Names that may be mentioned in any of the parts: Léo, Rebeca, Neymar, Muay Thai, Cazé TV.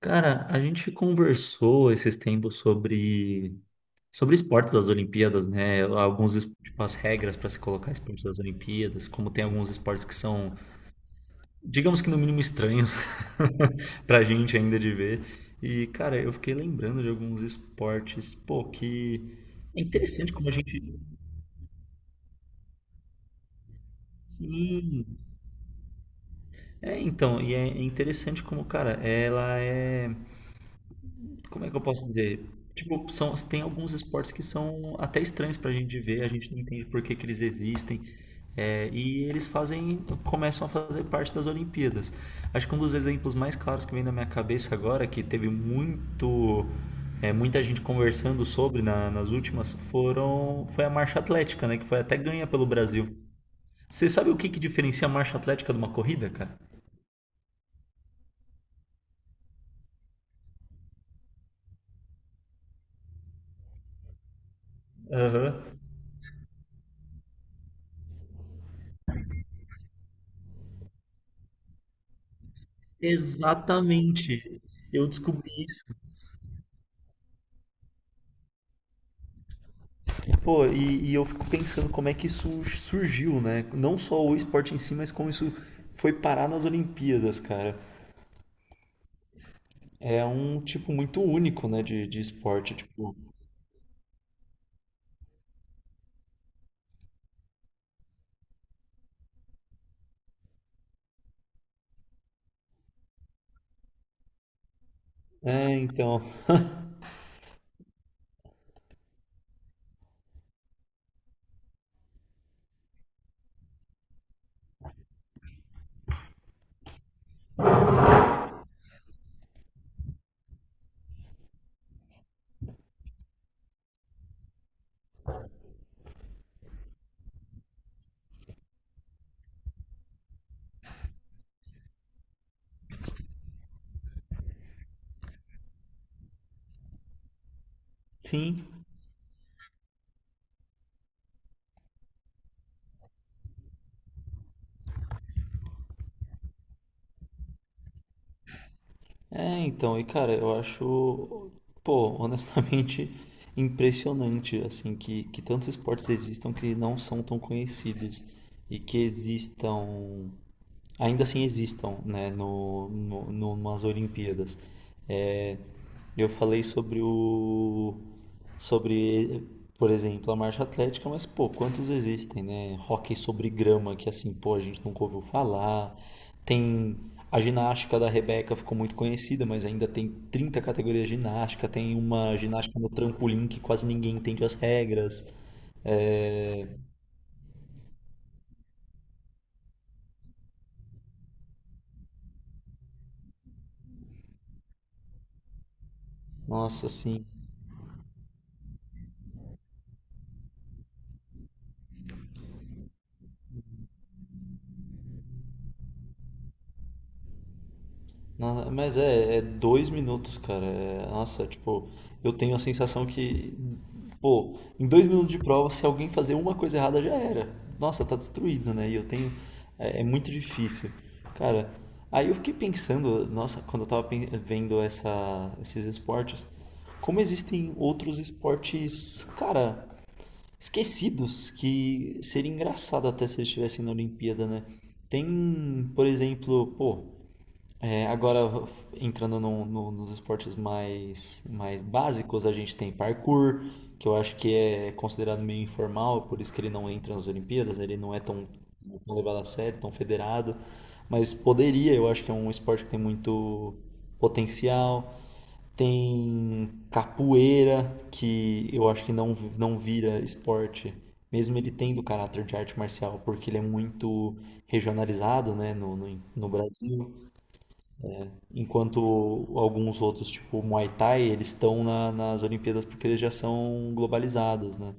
Cara, a gente conversou esses tempos sobre esportes das Olimpíadas, né? Alguns, tipo, as regras para se colocar esportes das Olimpíadas, como tem alguns esportes que são, digamos que no mínimo estranhos pra gente ainda de ver. E, cara, eu fiquei lembrando de alguns esportes, pô, que é interessante como a gente. Sim. É, então, e é interessante como, cara, ela é. Como é que eu posso dizer? Tipo, são, tem alguns esportes que são até estranhos pra gente ver, a gente não entende por que que eles existem. É, e eles fazem, começam a fazer parte das Olimpíadas. Acho que um dos exemplos mais claros que vem na minha cabeça agora, que teve muito, muita gente conversando sobre nas últimas, foi a marcha atlética, né? Que foi até ganha pelo Brasil. Você sabe o que que diferencia a marcha atlética de uma corrida, cara? Aham. Exatamente. Eu descobri isso. Pô, e eu fico pensando como é que isso surgiu, né? Não só o esporte em si, mas como isso foi parar nas Olimpíadas, cara. É um tipo muito único, né, de esporte, tipo. É, então. Sim. É, então, e cara, eu acho, pô, honestamente impressionante assim que tantos esportes existam que não são tão conhecidos e que existam ainda assim existam, né, no, no, numas Olimpíadas. É, eu falei sobre, por exemplo, a marcha atlética, mas pô, quantos existem, né? Hóquei sobre grama, que assim, pô, a gente nunca ouviu falar. Tem a ginástica da Rebeca ficou muito conhecida, mas ainda tem 30 categorias de ginástica. Tem uma ginástica no trampolim que quase ninguém entende as regras. É, nossa, assim, nossa, mas é 2 minutos, cara. É, nossa, tipo, eu tenho a sensação que, pô, em 2 minutos de prova, se alguém fazer uma coisa errada, já era. Nossa, tá destruído, né? E eu tenho. É muito difícil. Cara, aí eu fiquei pensando, nossa, quando eu tava vendo esses esportes, como existem outros esportes, cara, esquecidos, que seria engraçado até se eles estivessem na Olimpíada, né? Tem, por exemplo, pô. É, agora, entrando nos esportes mais básicos, a gente tem parkour, que eu acho que é considerado meio informal, por isso que ele não entra nas Olimpíadas, ele não é tão levado a sério, tão federado, mas poderia, eu acho que é um esporte que tem muito potencial. Tem capoeira, que eu acho que não vira esporte, mesmo ele tendo caráter de arte marcial, porque ele é muito regionalizado, né, no Brasil. Enquanto alguns outros, tipo o Muay Thai, eles estão nas Olimpíadas porque eles já são globalizados, né?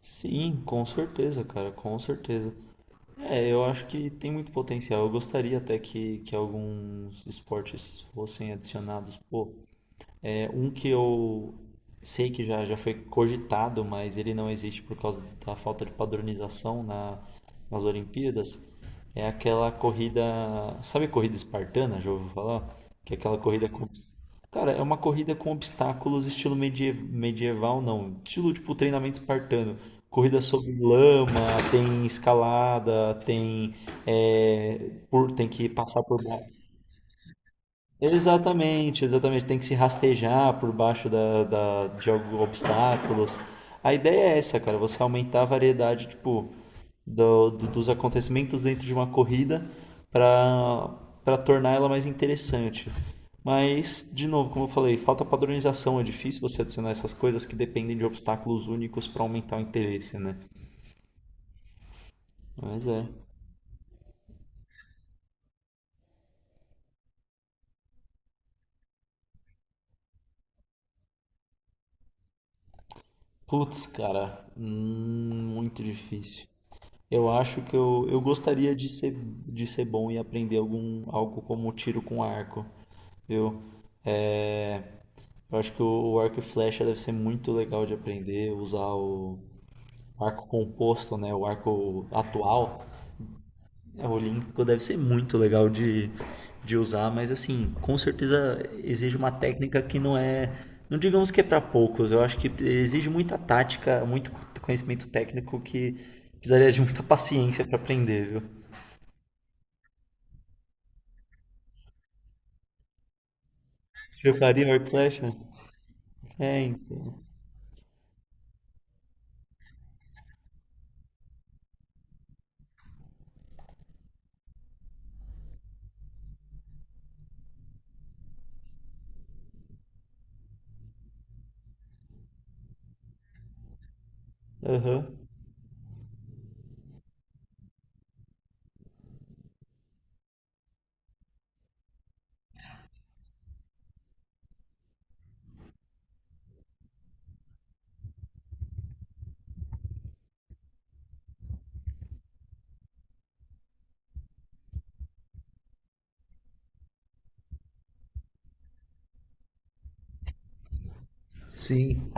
Sim, com certeza, cara, com certeza. É, eu acho que tem muito potencial. Eu gostaria até que alguns esportes fossem adicionados. Pô, é, um que eu sei que já foi cogitado, mas ele não existe por causa da falta de padronização nas Olimpíadas, é aquela corrida. Sabe corrida espartana, já ouviu falar? Que é aquela corrida com. Cara, é uma corrida com obstáculos, estilo medieval, não. Estilo tipo treinamento espartano. Corrida sobre lama, tem escalada, tem. É, por, tem que passar por. Exatamente, exatamente. Tem que se rastejar por baixo da, de alguns obstáculos. A ideia é essa, cara, você aumentar a variedade, tipo, dos acontecimentos dentro de uma corrida para para tornar ela mais interessante. Mas, de novo, como eu falei, falta padronização. É difícil você adicionar essas coisas que dependem de obstáculos únicos para aumentar o interesse, né? Mas é. Putz, cara, muito difícil. Eu acho que eu gostaria de ser bom e aprender algo como tiro com arco, viu? É, eu acho que o arco e flecha deve ser muito legal de aprender, usar o arco composto, né? O arco atual, né, o olímpico, deve ser muito legal de usar, mas assim, com certeza exige uma técnica que não é. Não digamos que é para poucos, eu acho que exige muita tática, muito conhecimento técnico que precisaria de muita paciência para aprender, viu? Você faria hard Horcrux? É, então. Aham. Sim.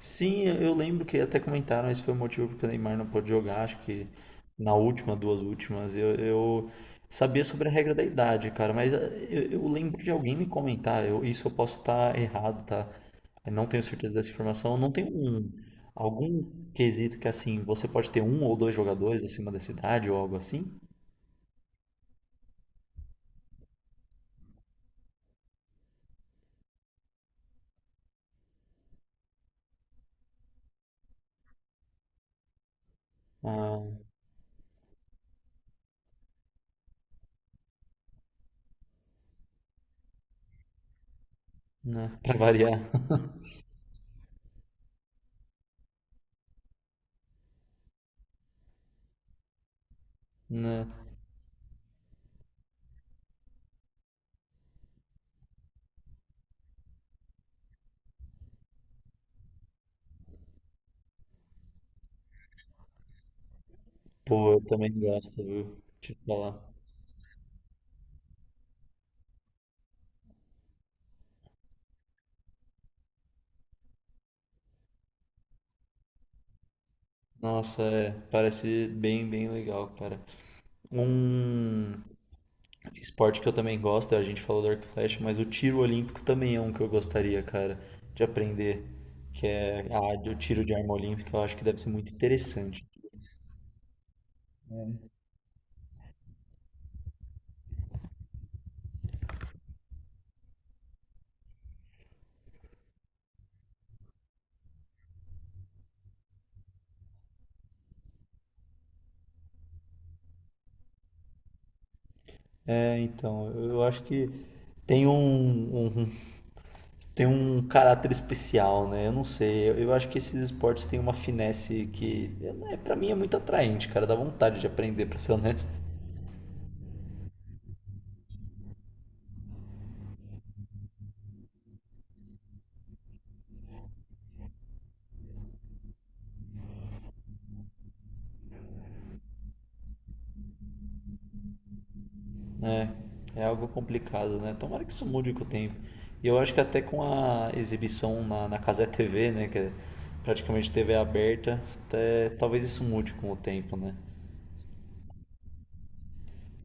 Sim, eu lembro que até comentaram, esse foi o motivo porque o Neymar não pôde jogar, acho que na última, duas últimas, eu sabia sobre a regra da idade, cara, mas eu lembro de alguém me comentar, isso eu posso estar errado, tá? Eu não tenho certeza dessa informação, não tem algum quesito que assim, você pode ter um ou dois jogadores acima dessa idade ou algo assim? Ah, né, pra variar, né? Pô, eu também gosto, viu? Te falar. Nossa, é, parece bem, bem legal, cara. Um esporte que eu também gosto, a gente falou do arco e flecha, mas o tiro olímpico também é um que eu gostaria, cara, de aprender, que é o tiro de arma olímpica, eu acho que deve ser muito interessante. É, então, eu acho que tem um, um- um, tem um caráter especial, né? Eu não sei, eu acho que esses esportes têm uma finesse que, para mim, é muito atraente, cara, dá vontade de aprender, pra ser honesto. É, é algo complicado, né? Tomara que isso mude com o tempo. E eu acho que até com a exibição na Cazé TV, né? Que é praticamente TV aberta, até, talvez isso mude com o tempo, né?